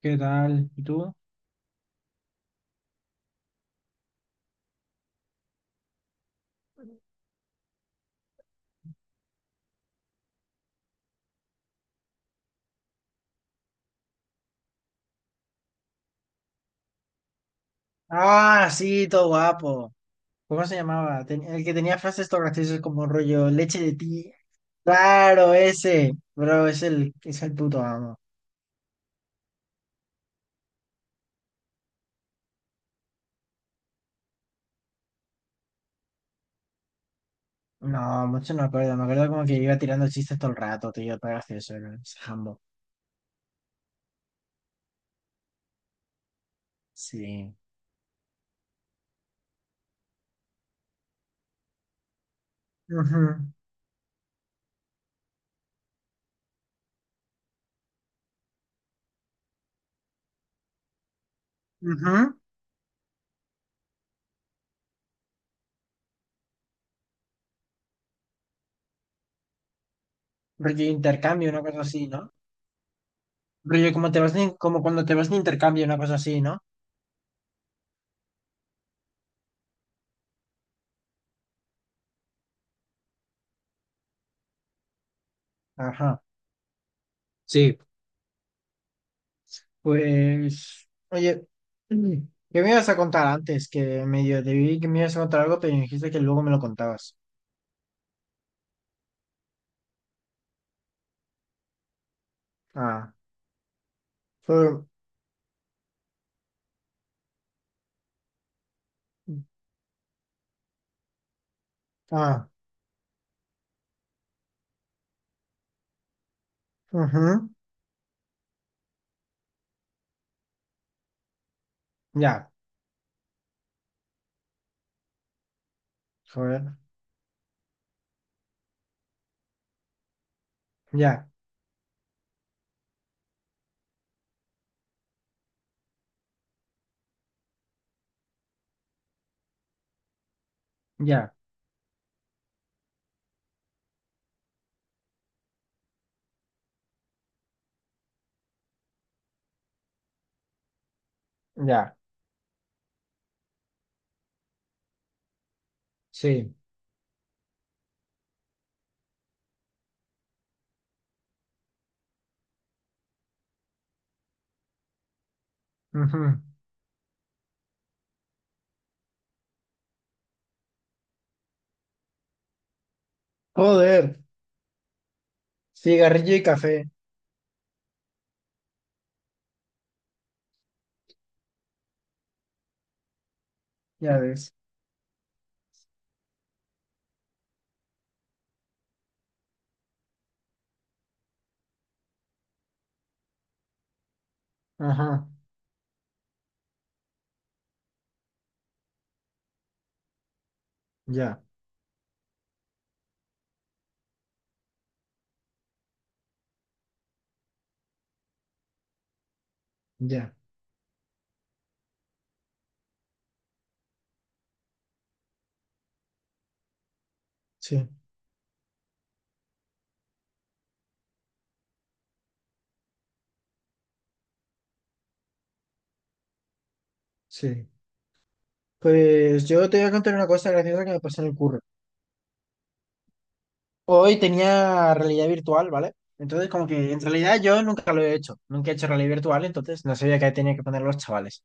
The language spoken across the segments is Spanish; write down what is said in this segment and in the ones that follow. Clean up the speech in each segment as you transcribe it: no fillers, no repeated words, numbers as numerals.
¿Qué tal? ¿Y tú? Ah, sí, todo guapo. ¿Cómo se llamaba? El que tenía frases todo graciosas como rollo leche de ti. Claro, ese. Bro, es el puto amo. No, mucho no me acuerdo. Me acuerdo como que iba tirando chistes todo el rato, tío. Todo gracioso, era ese jambo. Sí. Ujú, ujú. Rollo intercambio, una cosa así, ¿no? Rollo como te vas como cuando te vas de intercambio, una cosa así, ¿no? Ajá. Pues, oye, mm, ¿qué me ibas a contar antes? Que medio te vi que me ibas a contar algo, pero dijiste que luego me lo contabas. Ah, fue- ah, ujú, ya, joder, ya, ya, ya, sí, ujú. Joder, cigarrillo y café, ya ves, ajá, ya, ya, sí, sí. Pues yo te voy a contar una cosa graciosa que me pasó en el curro. Hoy tenía realidad virtual, ¿vale? Entonces, como que en realidad yo nunca lo he hecho, nunca he hecho realidad virtual, entonces no sabía qué tenía que poner los chavales.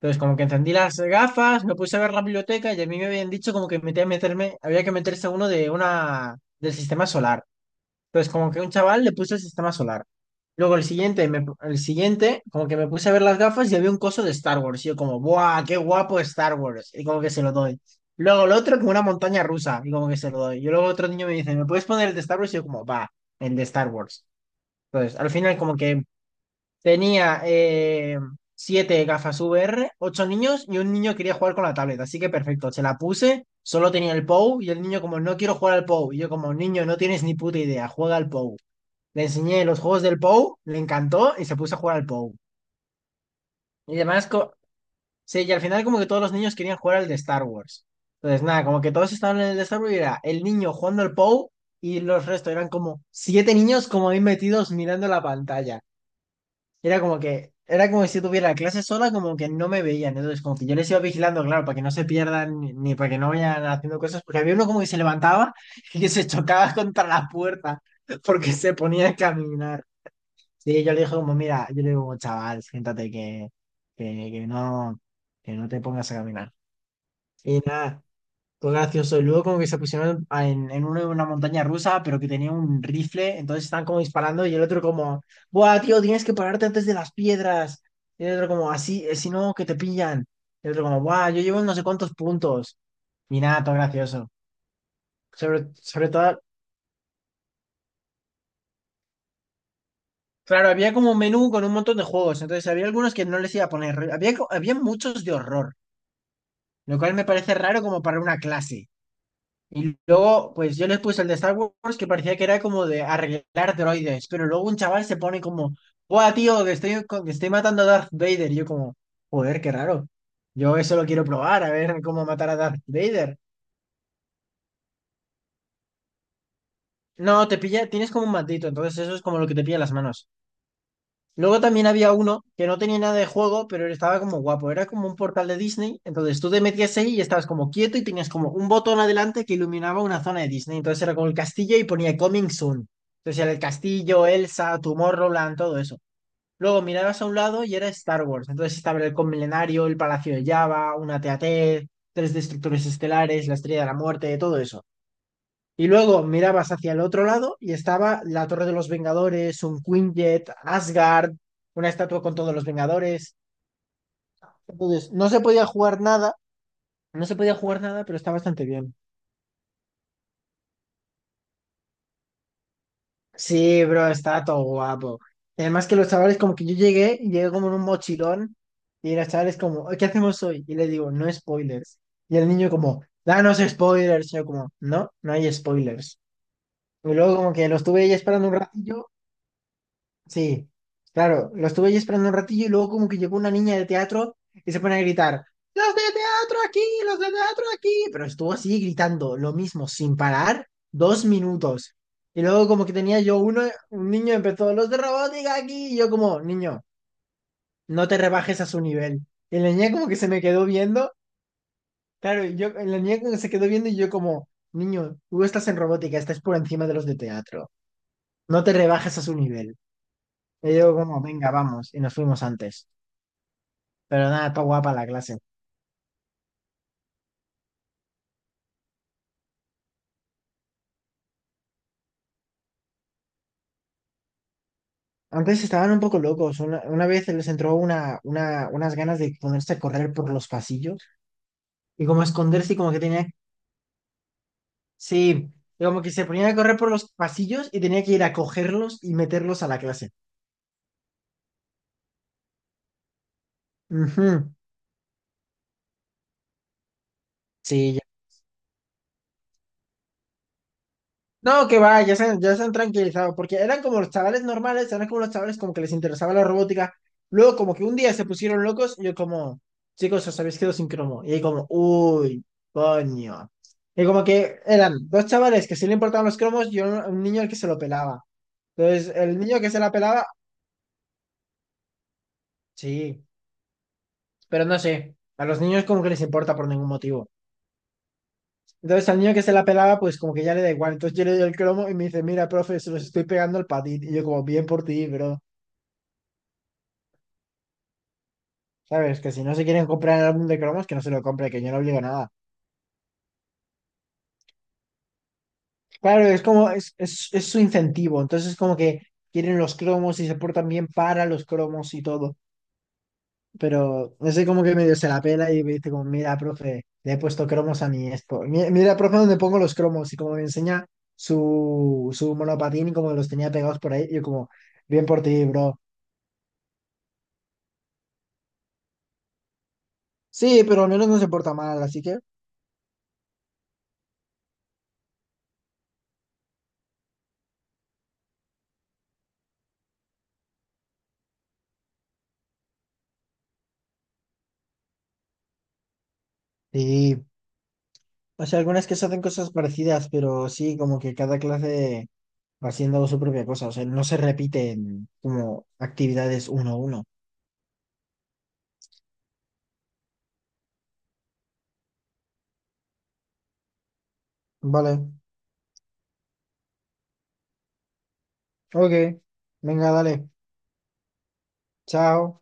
Entonces, como que encendí las gafas, me puse a ver la biblioteca y a mí me habían dicho como que metía a meterme, había que meterse uno de una del sistema solar. Entonces, como que un chaval le puso el sistema solar. Luego el siguiente, el siguiente, como que me puse a ver las gafas y había un coso de Star Wars. Y yo como, ¡buah, qué guapo Star Wars! Y como que se lo doy. Luego el otro como una montaña rusa y como que se lo doy. Y luego otro niño me dice, ¿me puedes poner el de Star Wars? Y yo como, va, el de Star Wars. Entonces, al final como que tenía siete gafas VR, ocho niños y un niño quería jugar con la tablet. Así que perfecto, se la puse, solo tenía el POU y el niño como, no quiero jugar al POU. Y yo como, niño, no tienes ni puta idea, juega al POU. Le enseñé los juegos del Pou, le encantó y se puso a jugar al Pou. Y además, sí, y al final como que todos los niños querían jugar al de Star Wars. Entonces, nada, como que todos estaban en el de Star Wars y era el niño jugando al Pou y los restos eran como siete niños como ahí metidos mirando la pantalla. Era como que, era como si tuviera clase sola, como que no me veían. Entonces, como que yo les iba vigilando, claro, para que no se pierdan ni para que no vayan haciendo cosas, porque había uno como que se levantaba y que se chocaba contra la puerta porque se ponía a caminar. Sí, yo le dije como, mira, yo le digo como, chaval, siéntate que, que no, que no te pongas a caminar. Y nada, fue gracioso. Y luego como que se pusieron en, en una montaña rusa, pero que tenía un rifle, entonces están como disparando y el otro como, buah, tío, tienes que pararte antes de las piedras. Y el otro como, así, si no, que te pillan. Y el otro como, buah, yo llevo no sé cuántos puntos. Y nada, todo gracioso. Sobre todo, claro, había como un menú con un montón de juegos, entonces había algunos que no les iba a poner, había muchos de horror. Lo cual me parece raro como para una clase. Y luego, pues yo les puse el de Star Wars que parecía que era como de arreglar droides, pero luego un chaval se pone como, ¡buah, tío, que estoy, que estoy matando a Darth Vader! Y yo como, joder, qué raro. Yo eso lo quiero probar, a ver cómo matar a Darth Vader. No, te pilla, tienes como un matito, entonces eso es como lo que te pilla en las manos. Luego también había uno que no tenía nada de juego, pero estaba como guapo. Era como un portal de Disney. Entonces tú te metías ahí y estabas como quieto y tenías como un botón adelante que iluminaba una zona de Disney. Entonces era como el castillo y ponía Coming Soon. Entonces era el castillo, Elsa, Tomorrowland, todo eso. Luego mirabas a un lado y era Star Wars. Entonces estaba el Milenario, el Palacio de Java, una TAT, tres destructores estelares, la Estrella de la Muerte, todo eso. Y luego mirabas hacia el otro lado y estaba la Torre de los Vengadores, un Quinjet, Asgard, una estatua con todos los Vengadores. Entonces, no se podía jugar nada, no se podía jugar nada, pero está bastante bien. Sí, bro, está todo guapo. Y además que los chavales, como que yo llegué, y llegué como en un mochilón, y los chavales como, ¿qué hacemos hoy? Y le digo, no spoilers. Y el niño como, danos spoilers. Y yo como, no, no hay spoilers. Y luego como que lo estuve ahí esperando un ratillo. Sí, claro, lo estuve ahí esperando un ratillo y luego como que llegó una niña de teatro y se pone a gritar, ¡los de teatro aquí! ¡Los de teatro aquí! Pero estuvo así gritando lo mismo, sin parar, 2 minutos. Y luego como que tenía yo uno, un niño empezó, ¡los de robótica aquí! Y yo como, niño, no te rebajes a su nivel. Y la niña como que se me quedó viendo, claro, y yo, la niña como que se quedó viendo y yo como, niño, tú estás en robótica, estás por encima de los de teatro. No te rebajes a su nivel. Y yo como, venga, vamos. Y nos fuimos antes. Pero nada, está guapa la clase. Antes estaban un poco locos. Una vez les entró unas ganas de ponerse a correr por los pasillos y como esconderse y como que tenía... Sí, y como que se ponían a correr por los pasillos y tenía que ir a cogerlos y meterlos a la clase. Ujú. Sí, no, que va, ya se han tranquilizado, porque eran como los chavales normales, eran como los chavales como que les interesaba la robótica. Luego como que un día se pusieron locos y yo como, chicos, os habéis quedado sin cromo. Y ahí como, uy, coño. Y como que eran dos chavales que sí le importaban los cromos y un niño al que se lo pelaba. Entonces, el niño que se la pelaba, sí, pero no sé, a los niños como que les importa por ningún motivo. Entonces al niño que se la pelaba, pues como que ya le da igual. Entonces yo le doy el cromo y me dice, mira, profe, se los estoy pegando al patín. Y yo como, bien por ti, bro. ¿Sabes? Que si no se quieren comprar el álbum de cromos, que no se lo compre, que yo no obligo a nada. Claro, es como, es su incentivo. Entonces, como que quieren los cromos y se portan bien para los cromos y todo. Pero ese como que medio se la pela y me dice como, mira, profe, le he puesto cromos a mi esto. Mira, profe, dónde pongo los cromos y como me enseña su monopatín y como los tenía pegados por ahí. Yo como, bien por ti, bro. Sí, pero al menos no se porta mal, así que... Sí. O sea, algunas que se hacen cosas parecidas, pero sí, como que cada clase... va haciendo su propia cosa, o sea, no se repiten como actividades uno a uno. Vale, ok, venga, dale, chao.